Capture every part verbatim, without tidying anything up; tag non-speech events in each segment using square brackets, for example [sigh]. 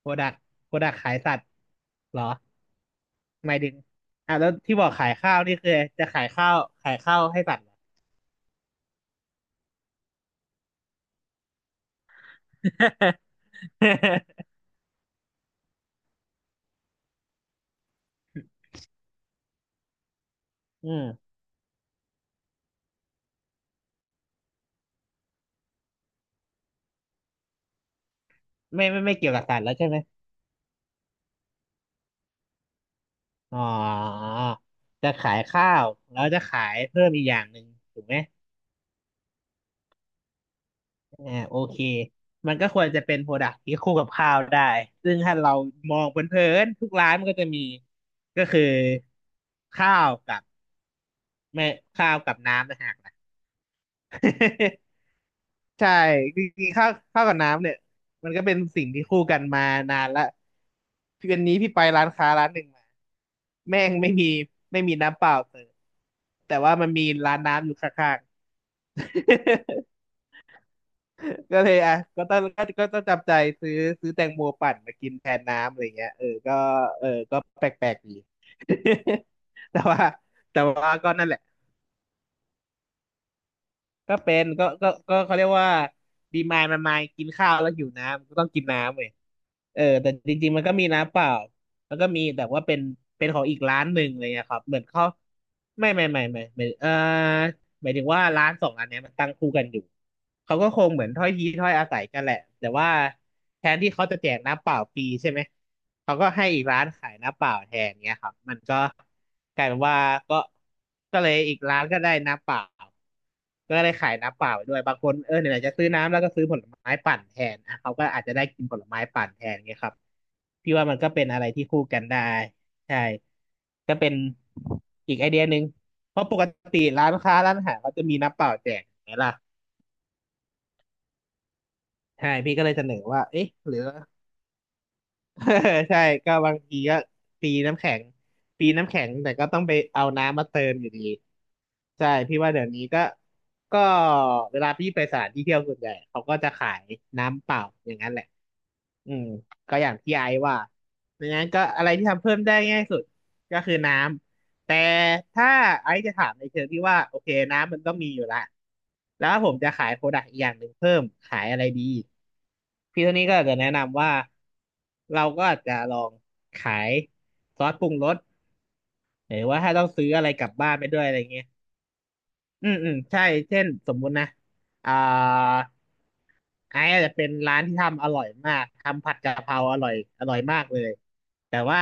โปรดักโปรดักขายสัตว์เหรอหมายถึงอ่ะแล้วที่บอกขายข้าวนี่คือจะขายข้าวขายข้าวให้สัตว์เหรอ [laughs] อืมไม่ไม่ไม่เกี่ยวกับสัตว์แล้วใช่ไหมอ๋อจะขายข้าวแล้วจะขายเพิ่มอีกอย่างหนึ่งถูกไหมอ่าโอเคมันก็ควรจะเป็นโปรดักที่คู่กับข้าวได้ซึ่งถ้าเรามองเพลินๆทุกร้านมันก็จะมีก็คือข้าวกับไม่ข้าวกับน้ำนะฮะ [laughs] ใช่จริงๆข้าวข้าวกับน้ำเนี่ยมันก็เป็นสิ่งที่คู่กันมานานละพี่วันนี้พี่ไปร้านค้าร้านหนึ่งมาแม่งไม่มีไม่มีน้ำเปล่าเสิร์ฟแต่ว่ามันมีร้านน้ำอยู่ข้างๆ [laughs] ก็เลยอ่ะก็ต้องก็ก็ต้องจำใจซื้อซื้อแตงโมปั่นมากินแทนน้ำอะไรเงี้ยเออก็เออก็แปลกๆดี [laughs] แต่ว่าแต่ว่าก็นั่นแหละก็เป็นก็ก็ก็เขาเรียกว่าดีมายมันมากินข้าวแล้วหิวน้ำก็ต้องกินน้ำเลย เออแต่จริงๆมันก็มีน้ำเปล่าแล้วก็มีแต่ว่าเป็นเป็นของอีกร้านหนึ่งอะไรเลยนยครับเหมือนเขาไม่ไม่ไม่ไม่ไม่เออ หมายถึงว่าร้านสองอันเนี้ยมันตั้งคู่กันอยู่เขาก็คงเหมือนถ้อยทีถ้อยอาศัยกันแหละแต่ว่าแทนที่เขาจะแจกน้ำเปล่าฟรีใช่ไหมเขาก็ให้อีกร้านขายน้ำเปล่าแทนเนี้ยครับมันก็กลายเป็นว่าก็ก็เลยอีกร้านก็ได้น้ำเปล่าก็ได้ขายน้ำเปล่าไปด้วยบางคนเออไหนๆจะซื้อน้ำแล้วก็ซื้อผลไม้ปั่นแทนอ่ะเขาก็อาจจะได้กินผลไม้ปั่นแทนเงี้ยครับพี่ว่ามันก็เป็นอะไรที่คู่กันได้ ใช่ก็เป็นอีกไอเดียหนึ่งเพราะปกติร้านค้าร้านอาหารเขาจะมีน้ำเปล่าแจกไหมล่ะใช่พี่ก็เลยเสนอว่าเอ๊ะหรือ [laughs] ใช่ก็บางทีก็ปีน้ำแข็งปีน้ำแข็งแต่ก็ต้องไปเอาน้ำมาเติมอยู่ดีใช่พี่ว่าเดี๋ยวนี้ก็ก็เวลาพี่ไปสถานที่เที่ยวส่วนใหญ่เขาก็จะขายน้ำเปล่าอย่างนั้นแหละอืมก็อย่างที่ไอซ์ว่าดังนั้นก็อะไรที่ทำเพิ่มได้ง่ายสุดก็คือน้ำ แต่ถ้าไอซ์จะถามในเชิงที่ว่าโอเคน้ำมันต้องมีอยู่ละแล้วผมจะขายโปรดักต์อีกอย่างหนึ่งเพิ่มขายอะไรดีพี่โทนี่ก็อาจจะแนะนำว่าเราก็อาจจะลองขายซอสปรุงรสหรือว่าถ้าต้องซื้ออะไรกลับบ้านไปด้วยอะไรเงี้ยอืมอืมใช่เช่นสมมุตินะอ่า ไอ้อาจจะเป็นร้านที่ทำอร่อยมากทำผัดกะเพราอร่อยอร่อยมากเลยแต่ว่า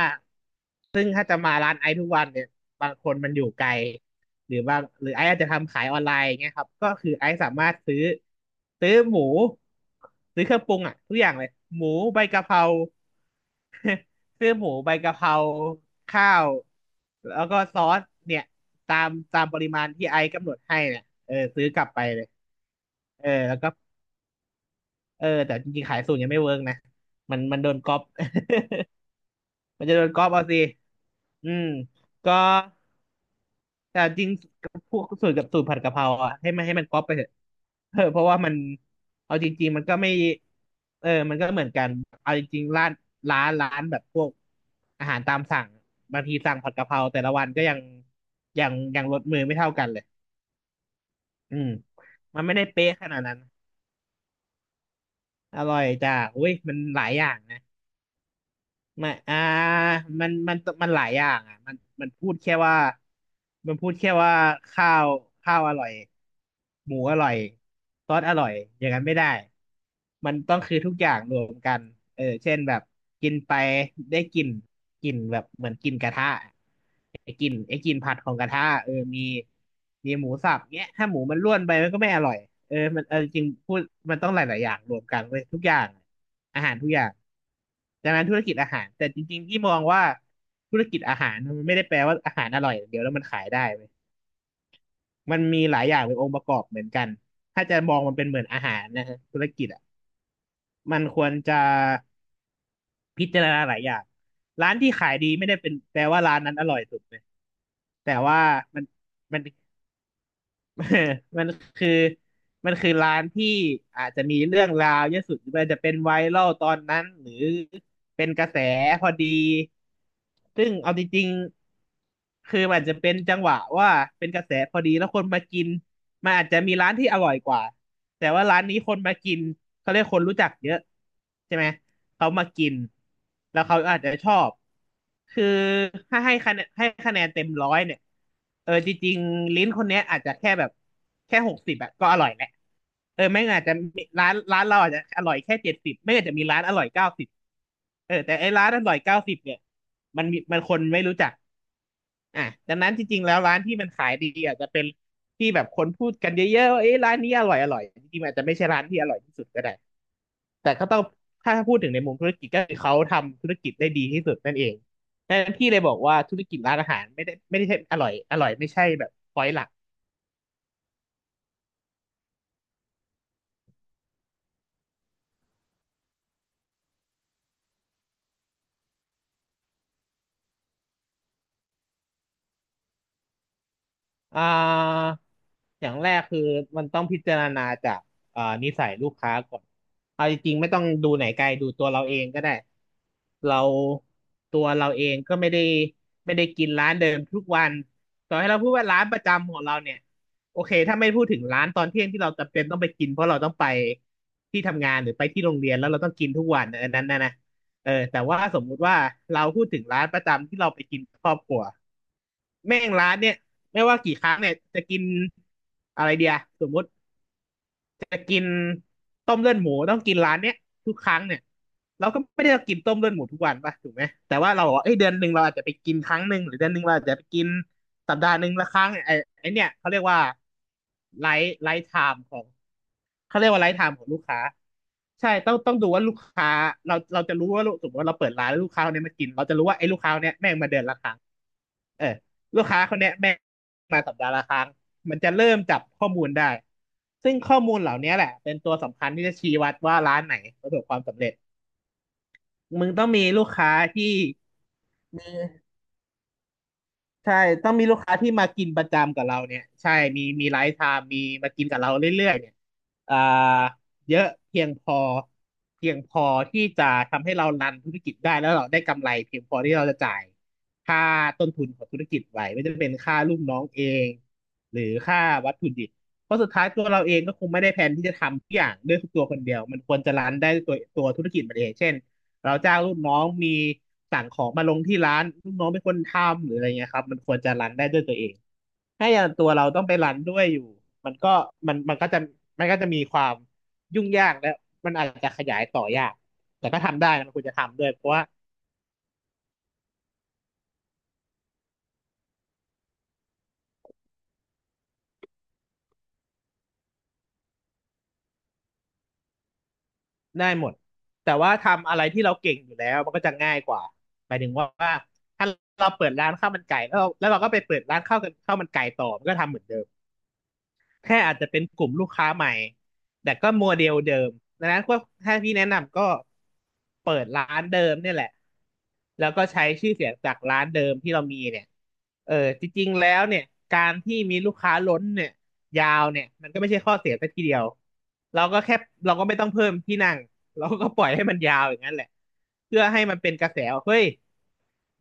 ซึ่งถ้าจะมาร้านไอ้ทุกวันเนี่ยบางคนมันอยู่ไกลหรือว่าหรือไอ้อาจจะทำขายออนไลน์อย่างเงี้ยครับก็คือไอ้สามารถซื้อซื้อหมูซื้อเครื่องปรุงอ่ะทุกอย่างเลยหมูใบกะเพราซื้อหมูใบกะเพราข้าวแล้วก็ซอสเนี่ยตามตามปริมาณที่ไอ้กำหนดให้เนี่ยเออซื้อกลับไปเลยเออแล้วก็ เออแต่จริงๆขายสูตรยังไม่เวิร์กนะมันมันโดนก๊อป [laughs] มันจะโดนก๊อปเอาสิอืมก็แต่จริงพวกสูตรกับสูตรผัดกะเพราอ่ะให้มันให้มันก๊อปไปเถอะ [laughs] เออเพราะว่ามันเอาจริงๆมันก็ไม่เออมันก็เหมือนกันเอาจริงๆร้านร้านร้านแบบพวกอาหารตามสั่งบางทีสั่งผัดกะเพราแต่ละวันก็ยังยังยังรสมือไม่เท่ากันเลยอืมมันไม่ได้เป๊ะขนาดนั้นอร่อยจ้ะอุ้ยมันหลายอย่างนะ ไม่อ่ามันมันมันหลายอย่างอ่ะมันมันพูดแค่ว่ามันพูดแค่ว่าข้าวข้าวอร่อย หมูอร่อย ซอสอร่อย อย่างนั้นไม่ได้ มันต้องคือทุกอย่างรวมเออเช่นแบบกินไปได้กลิ่นกลิ่นแบบเหมือนกลิ่นกระทะ ไอ้กลิ่นไอ้กลิ่นผัดของกระทะเออมีมีหมูสับเนี้ยถ้าหมูมันร่วนไปมันก็ไม่อร่อยเออมันเออจริงพูดมันต้องหลายๆอย่างรวมกันเลยทุกอย่างอาหารทุกอย่างดังนั้นธุรกิจอาหารแต่จริงๆที่มองว่าธุรกิจอาหารมันไม่ได้แปลว่าอาหารอร่อยอย่างเดียวแล้วมันขายได้เว้ยมันมีหลายอย่างเป็นองค์ประกอบเหมือนกันถ้าจะมองมันเป็นเหมือนอาหารนะฮะธุรกิจอ่ะมันควรจะพิจารณาหลายอย่างร้านที่ขายดีไม่ได้เป็นแปลว่าร้านนั้นอร่อยสุดเลยแต่ว่ามันมัน [laughs] เออมันคือมันคือร้านที่อาจจะมีเรื่องราวเยอะสุดหรือว่าจะเป็นไวรัลตอนนั้นหรือเป็นกระแสพอดีซึ่งเอาจริงๆคือมันจะเป็นจังหวะว่าเป็นกระแสพอดีแล้วคนมากินมันอาจจะมีร้านที่อร่อยกว่าแต่ว่าร้านนี้คนมากินเขาเรียกคนรู้จักเยอะใช่ไหมเขามากินแล้วเขาอาจจะชอบ คือถ้าให้คะแนนให้คะแนนเต็มร้อยเนี่ยเออจริงๆลิ้นคนเนี้ยอาจจะแค่แบบแค่หกสิบอะก็อร่อยแหละเออไม่งั้นอาจจะมีร้านร้านเราอาจจะอร่อยแค่เจ็ดสิบไม่งั้นอาจจะมีร้านอร่อยเก้าสิบเออแต่ไอ้ร้านอร่อยเก้าสิบเนี่ยมันมีมันคนไม่รู้จักอ่ะดังนั้นจริงๆแล้วร้านที่มันขายดีอาจจะเป็นที่แบบคนพูดกันเยอะๆว่าเอ้ยร้านนี้อร่อยอร่อยจริงๆมันอาจจะไม่ใช่ร้านที่อร่อยที่สุดก็ได้ แต่ก็ต้อง ถ้าพูดถึงในมุมธุรกิจก็คือเขาทำธุรกิจได้ดีที่สุดนั่นเองดังนั้นพี่เลยบอกว่าธุรกิจร้านอาหารไม่ได้ไม่ได้ใช่อร่อยอร่อยไม่ใช่แบบพอยต์หลัก อ่าอย่างแรกคือมันต้องพิจารณาจากอ่านิสัยลูกค้าก่อนเอาจริงๆไม่ต้องดูไหนไกลดูตัวเราเองก็ได้เราตัวเราเองก็ไม่ได้ไม่ได้กินร้านเดิมทุกวันต่อให้เราพูดว่าร้านประจำของเราเนี่ยโอเคถ้าไม่พูดถึงร้านตอนเที่ยงที่เราจำเป็นต้องไปกินเพราะเราต้องไปที่ทำงานหรือไปที่โรงเรียนแล้วเราต้องกินทุกวันอันนั้นนะนะเออแต่ว่าสมมุติว่าเราพูดถึงร้านประจำที่เราไปกินกับครอบครัวแม่งร้านเนี่ย ไม่ว่ากี่ครั้งเนี่ยจะกินอะไรเดียสมมติจะกินต้มเลือดหมูต้องกินร้านเนี้ยทุกครั้งเนี่ยเราก็ไม่ได้กินต้มเลือดหมูทุกวันป่ะถูกไหมแต่ว่าเราบอกว่าเอ้ยเดือนหนึ่งเราอาจจะไปกินครั้งหนึ่งหรือเดือนหนึ่งเราอาจจะไปกินสัปดาห์หนึ่งละครั้งเนี่ยไอ้ไอ้เนี่ยเขาเรียกว่าไลฟ์ไลฟ์ไทม์ของเขาเรียกว่าไลฟ์ไทม์ของลูกค้าใช่ต้องต้องดูว่าลูกค้าเราเราจะรู้ว่าลูกสมมติว่าเราเปิดร้านแล้วลูกค้าคนเนี้ยมากินเราจะรู้ว่าไอ้ลูกค้าคนเนี้ยแม่งมาเดือนละครั้ง เออลูกค้าคนเขาแนี้ยแม่มาสัปดาห์ละครั้งมันจะเริ่มจับข้อมูลได้ซึ่งข้อมูลเหล่านี้แหละเป็นตัวสำคัญที่จะชี้วัดว่าร้านไหนประสบความสำเร็จมึงต้องมีลูกค้าที่ ใช่ต้องมีลูกค้าที่มากินประจำกับเราเนี่ยใช่มีมีไลฟ์ไทม์มีมากินกับเราเรื่อยๆเนี่ยอ่าเยอะเพียงพอเพียงพอที่จะทำให้เรารันธุรกิจได้แล้วเราได้กำไรเพียงพอที่เราจะจ่ายค่าต้นทุนของธุรกิจไหวไม่ว่าจะเป็นค่าลูกน้องเองหรือค่าวัตถุดิบเพราะสุดท้ายตัวเราเองก็คงไม่ได้แผนที่จะทำทุกอย่างด้วยทุกตัวคนเดียวมันควรจะรันได้ด้วยตัวตัวธุรกิจมันเองเช่น เราจ้างลูกน้องมีสั่งของมาลงที่ร้านลูกน้องเป็นคนทำหรืออะไรเงี้ยครับมันควรจะรันได้ด้วยตัวเองถ้าอย่างตัวเราต้องไปรันด้วยอยู่มันก็มันมันก็จะมันก็จะมีความยุ่งยากและมันอาจจะขยายต่อยากแต่ก็ทำได้นะมันควรจะทำด้วยเพราะว่าได้หมดแต่ว่าทำอะไรที่เราเก่งอยู่แล้วมันก็จะง่ายกว่าหมายถึงว่าถ้าเราเปิดร้านข้าวมันไก่แล้วเราแล้วเราก็ไปเปิดร้านข้าวกันข้าวมันไก่ต่อมันก็ทำเหมือนเดิม แค่อาจจะเป็นกลุ่มลูกค้าใหม่แต่ก็โมเดลเดิมดังนั้นก็ถ้าพี่แนะนำก็เปิดร้านเดิมเนี่ยแหละ แล้วก็ใช้ชื่อเสียงจากร้านเดิมที่เรามีเนี่ยเออจริงๆ แล้วเนี่ย การที่มีลูกค้าล้นเนี่ยยาวเนี่ยมันก็ไม่ใช่ข้อเสียซะทีเดียวเราก็แค่เราก็ไม่ต้องเพิ่มที่นั่งเราก็ปล่อยให้มันยาวอย่างนั้นแหละ เพื่อให้มันเป็นกระแสว่าเฮ้ย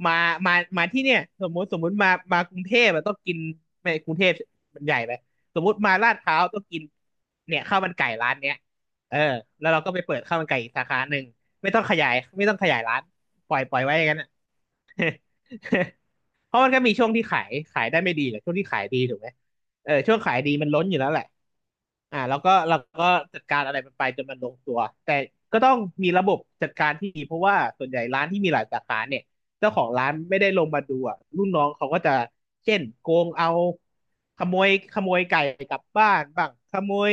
มามามาที่เนี่ยสมมุติสมมุติมามากรุงเทพอะต้องกินไม่กรุงเทพมันใหญ่ไป สมมติมาลาดพร้าวต้องกินเนี่ยข้าวมันไก่ร้านเนี้ยเออแล้วเราก็ไปเปิดข้าวมันไก่อีกสาขาหนึ่งไม่ต้องขยายไม่ต้องขยายร้านปล่อยปล่อยไว้อย่างนั้นอ่ะ [laughs] เพราะมันก็มีช่วงที่ขายขายได้ไม่ดีแหละช่วงที่ขายดีถูกไหมเออช่วงขายดีมันล้นอยู่แล้วแหละอ่าแล้วก็เราก็จัดการอะไรมันไปจนมันลงตัวแต่ก็ต้องมีระบบจัดการที่ดีเพราะว่าส่วนใหญ่ร้านที่มีหลายสาขาเนี่ย เจ้าของร้านไม่ได้ลงมาดูอ่ะรุ่นน้องเขาก็จะเช่นโกงเอาขโมยขโมยไก่กลับบ้านบ้างขโมย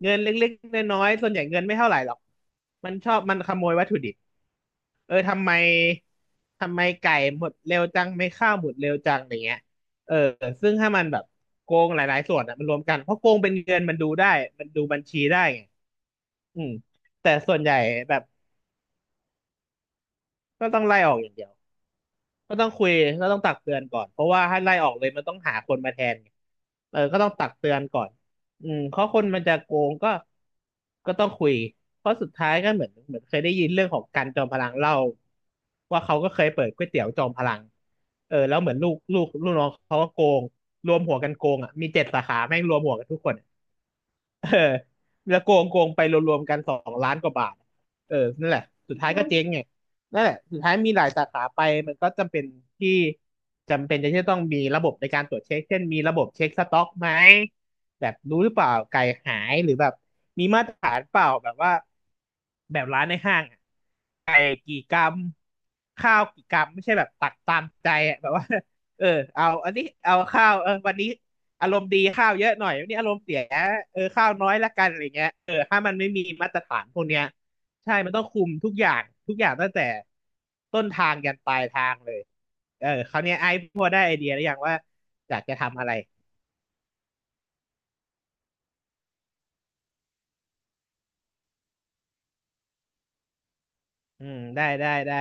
เงินเล็กๆน้อยๆส่วนใหญ่เงินไม่เท่าไหร่หรอกมันชอบมันขโมยวัตถุดิบเออทำไมทำไมไก่หมดเร็วจังไม่ข้าวหมดเร็วจังอย่างเงี้ยเออซึ่งถ้ามันแบบโกงหลายๆส่วนอ่ะมันรวมกันเพราะโกงเป็นเงินมันดูได้มันดูบัญชีได้ไงอืมแต่ส่วนใหญ่แบบก็ต้องไล่ออกอย่างเดียว ก็ต้องคุยก็ต้องตักเตือนก่อนเพราะว่าถ้าไล่ออกเลยมันต้องหาคนมาแทนไงเออก็ต้องตักเตือนก่อนอืมเพราะคนมันจะโกงก็ก็ต้องคุยเพราะสุดท้ายก็เหมือนเหมือนเคยได้ยินเรื่องของการจอมพลังเล่าว่าเขาก็เคยเปิดก๋วยเตี๋ยวจอมพลังเออแล้วเหมือนลูกลูกลูกน้องเขาก็โกงรวมหัวกันโกงอ่ะมีเจ็ดสาขาแม่งรวมหัวกันทุกคน เออแล้วโกงโกงไปรวมๆกันสองล้านกว่าบาทเออนั่นแหละสุดท้ายก็เจ๊งไงนั่นแหละสุดท้ายมีหลายสาขาไปมันก็จำเป็นที่จำเป็นจะที่ต้องมีระบบในการตรวจเช็คเช่นมีระบบเช็คสต็อกไหม แบบรู้หรือเปล่าไก่หายหรือแบบมีมาตรฐานเปล่าแบบว่าแบบร้านในห้างอะ ข้าวกี่กรัมไม่ใช่แบบตักตามใจอะแบบว่า [laughs] เออเอาอันนี้เอาข้าวเออวันนี้อารมณ์ดีข้าวเยอะหน่อยวันนี้อารมณ์เสียเออข้าวน้อยละกันอะไรเงี้ยเออถ้ามันไม่มีมาตรฐานพวกเนี้ยใช่มันต้องคุมทุกอย่างทุกอย่างตั้งแต่ต้นทางยันปลายทางเลยเออคราวเนี้ยไอ้พอได้ไอเดียหรือยังว่าอยากจะทำอะไรอืมได้ได้ได้